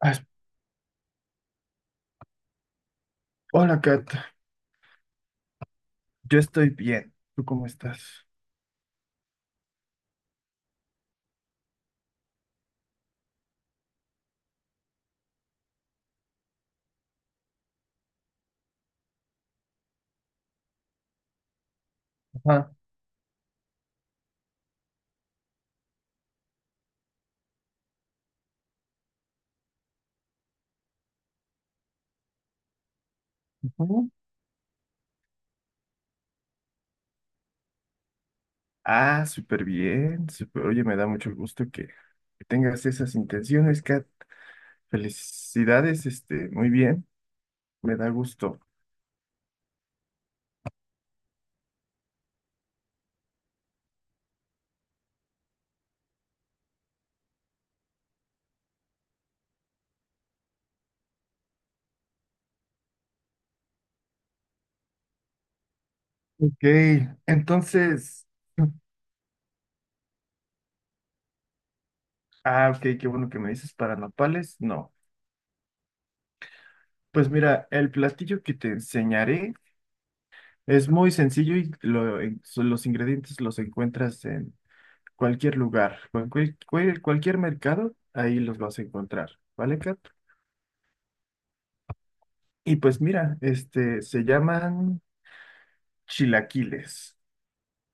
Ah, es- Hola, Kat. Yo estoy bien. ¿Tú cómo estás? Ajá, ujú. Ah, súper bien. Oye, me da mucho gusto que tengas esas intenciones, Kat. Felicidades, muy bien. Me da gusto. Ok, entonces. Ah, ok, qué bueno que me dices para nopales. No. Pues mira, el platillo que te enseñaré es muy sencillo y los ingredientes los encuentras cualquier lugar, cualquier mercado, ahí los vas a encontrar, ¿vale, Kat? Y pues mira, se llaman chilaquiles,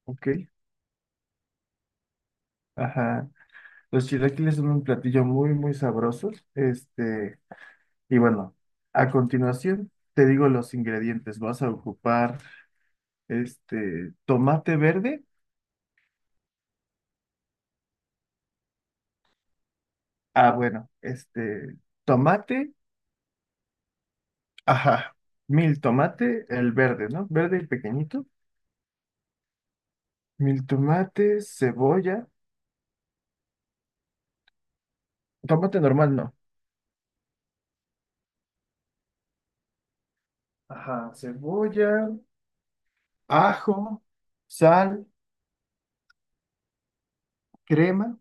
¿ok? Ajá. Los chilaquiles son un platillo muy, muy sabroso. Y bueno, a continuación te digo los ingredientes. Vas a ocupar, tomate verde. Ah, bueno, tomate, ajá, mil tomate, el verde, ¿no? Verde y pequeñito. Mil tomates, cebolla, tomate normal, no. Ajá, cebolla, ajo, sal, crema,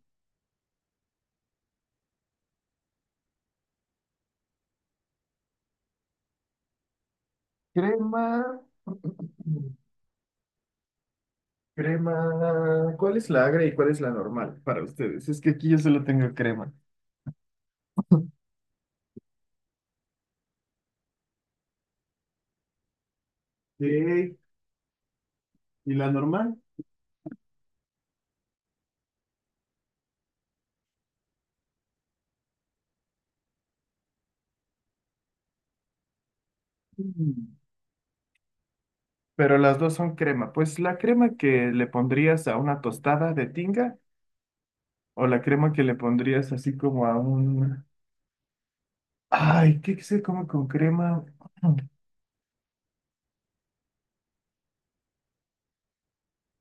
crema, crema. ¿Cuál es la agra y cuál es la normal para ustedes? Es que aquí yo solo tengo crema. Sí, ¿y la normal? Mm. Pero las dos son crema. Pues la crema que le pondrías a una tostada de tinga o la crema que le pondrías así como a un... Ay, ¿qué se come con crema?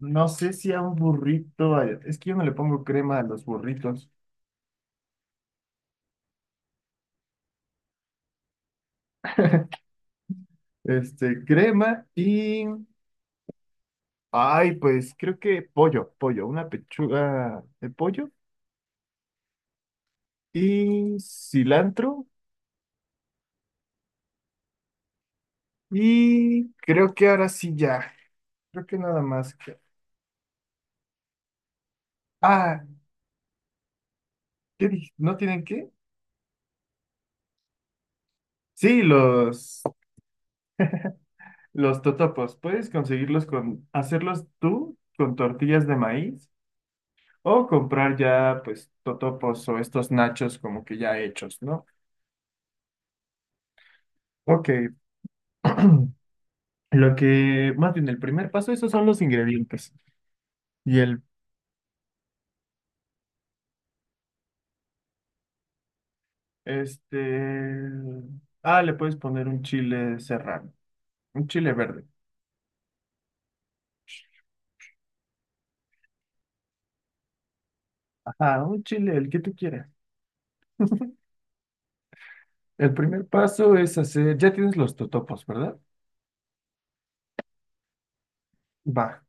No sé si a un burrito, ay, es que yo no le pongo crema a los burritos. Crema y, ay, pues creo que pollo, una pechuga de pollo y cilantro y creo que ahora sí ya, creo que nada más. Ah, ¿qué dije? ¿No tienen qué? Sí, los totopos, puedes conseguirlos hacerlos tú con tortillas de maíz o comprar ya, pues, totopos o estos nachos como que ya hechos, ¿no? Ok, lo que, más bien, el primer paso, esos son los ingredientes. Y el, este, ah, le puedes poner un chile serrano, un chile verde. Ajá, un chile, el que tú quieras. El primer paso es hacer, ya tienes los totopos, ¿verdad? Va.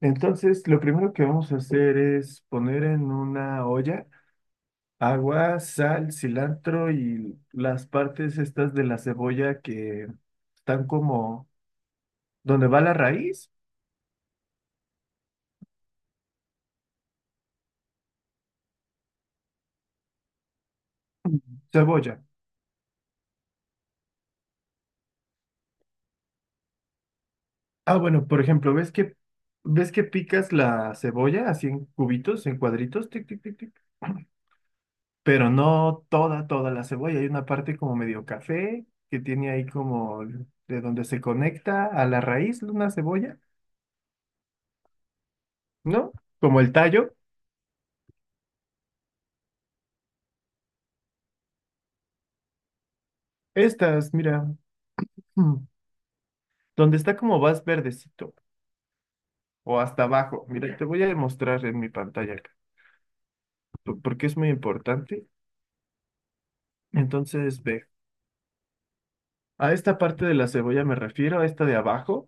Entonces, lo primero que vamos a hacer es poner en una olla agua, sal, cilantro y las partes estas de la cebolla que están como donde va la raíz. Cebolla. Ah, bueno, por ejemplo, ¿ves que picas la cebolla así en cubitos, en cuadritos, tic, tic, tic, tic? Pero no toda la cebolla. Hay una parte como medio café que tiene ahí como de donde se conecta a la raíz de una cebolla, ¿no? Como el tallo. Estas, mira, mm, donde está como más verdecito o hasta abajo. Mira, te voy a demostrar en mi pantalla acá, porque es muy importante. Entonces, ve, a esta parte de la cebolla me refiero, a esta de abajo,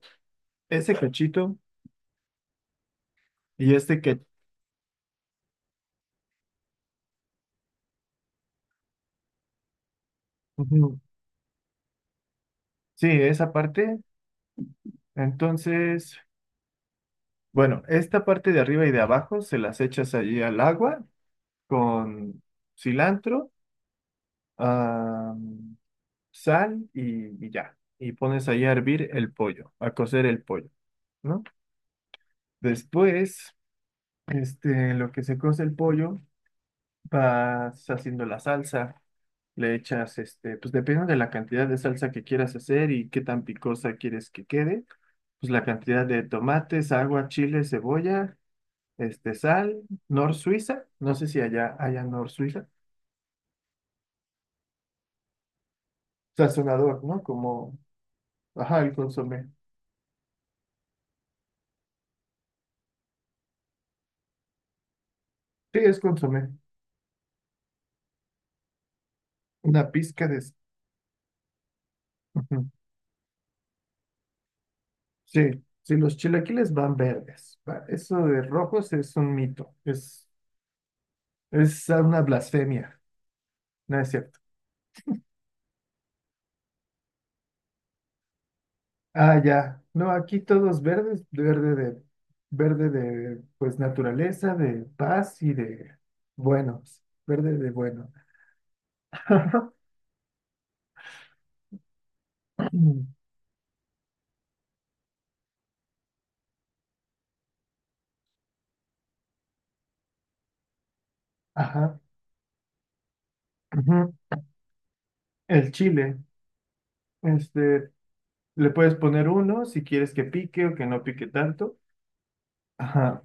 ese cachito. Y este que, ujú, sí, esa parte, entonces, bueno, esta parte de arriba y de abajo se las echas allí al agua con cilantro, ah, sal y ya. Y pones ahí a hervir el pollo, a cocer el pollo, ¿no? Después, lo que se cose el pollo, vas haciendo la salsa. Le echas, pues depende de la cantidad de salsa que quieras hacer y qué tan picosa quieres que quede pues la cantidad de tomates, agua, chile, cebolla, sal, nor Suiza, no sé si allá haya nor Suiza, sazonador, ¿no? Como, ajá, el consomé. Sí, es consomé. Una pizca de... ujú. Sí, sí, los chilaquiles van verdes. Va, Eso de rojos es un mito, es una blasfemia, no es cierto. Ah, ya. No, aquí todos verdes, verde de, pues, naturaleza, de paz y de buenos, verde de buenos. Ajá. ujú. El chile. Este, le puedes poner uno si quieres que pique o que no pique tanto. Ajá.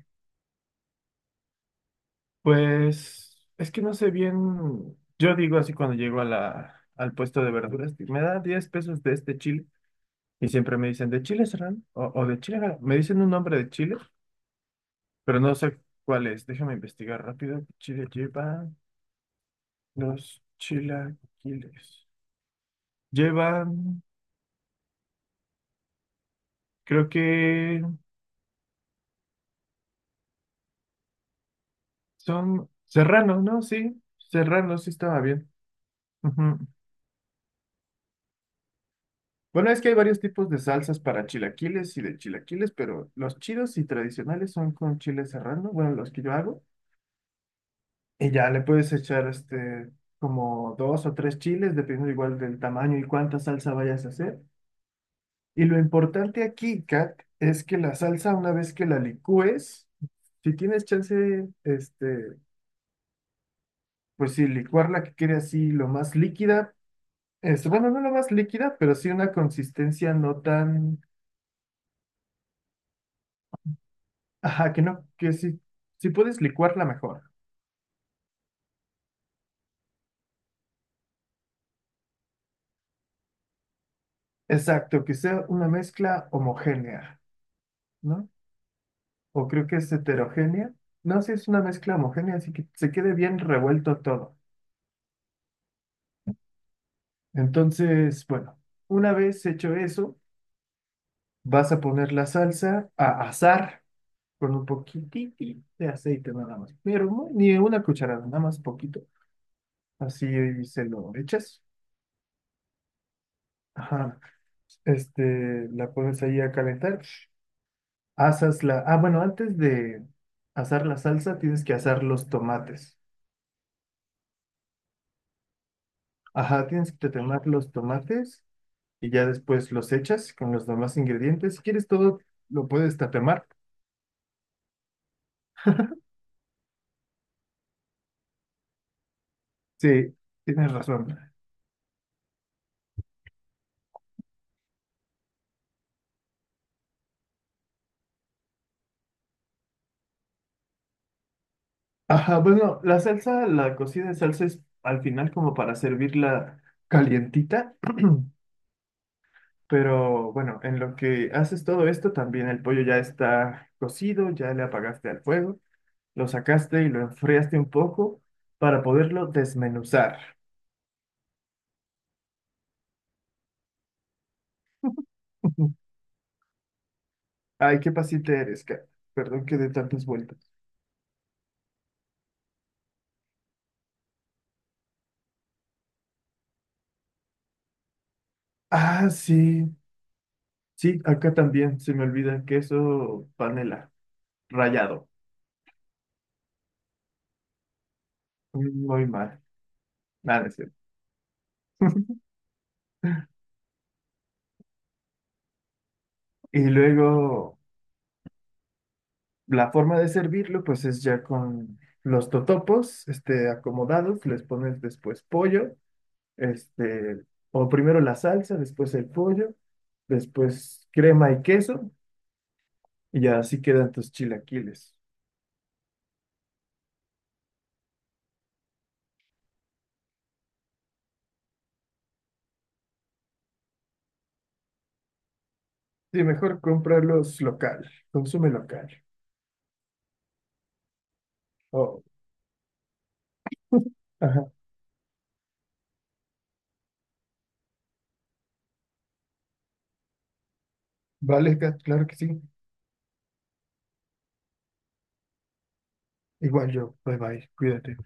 Pues es que no sé bien. Yo digo así cuando llego a al puesto de verduras, me da 10 pesos de este chile. Y siempre me dicen, ¿de chile serán? O de chile. Gala?". Me dicen un nombre de chile, pero no sé cuál es. Déjame investigar rápido. Chile lleva los chilaquiles. Llevan, creo que. Son serrano, ¿no? Sí, serrano, sí estaba bien. Ujú. Bueno, es que hay varios tipos de salsas para chilaquiles y de chilaquiles, pero los chidos y tradicionales son con chile serrano, bueno, los que yo hago. Y ya le puedes echar como dos o tres chiles, dependiendo igual del tamaño y cuánta salsa vayas a hacer. Y lo importante aquí, Kat, es que la salsa, una vez que la licúes, si tienes chance, pues sí, licuarla que quede así lo más líquida Es, bueno, no la más líquida, pero sí una consistencia no tan... Ajá, que sí, si puedes licuarla mejor. Exacto, que sea una mezcla homogénea, ¿no? O creo que es heterogénea. No, sí es una mezcla homogénea, así que se quede bien revuelto todo. Entonces, bueno, una vez hecho eso, vas a poner la salsa a asar con un poquitito de aceite nada más. Pero ni una cucharada, nada más poquito. Así se lo echas. Ajá. La pones ahí a calentar. Asas la... Ah, bueno, antes de asar la salsa tienes que asar los tomates. Ajá, tienes que temar los tomates y ya después los echas con los demás ingredientes. Si quieres todo, lo puedes tatemar. Sí, tienes razón. Ajá, bueno, la salsa, la cocida de salsa es al final como para servirla calientita. Pero bueno, en lo que haces todo esto, también el pollo ya está cocido, ya le apagaste al fuego. Lo sacaste y lo enfriaste un poco para poderlo desmenuzar. Ay, qué paciente eres, Kat. Perdón que dé tantas vueltas. Ah, sí. Sí, acá también se me olvida queso panela, rallado. Mm, muy mal. Nada, es cierto. Y luego la forma de servirlo, pues es ya con los totopos, acomodados, les pones después pollo, este, o primero la salsa, después el pollo, después crema y queso, Y ya así quedan tus chilaquiles. Sí, mejor comprarlos local. Consume local. Oh, ajá. Vale, Kat, claro que sí. Igual yo. Bye bye. Cuídate.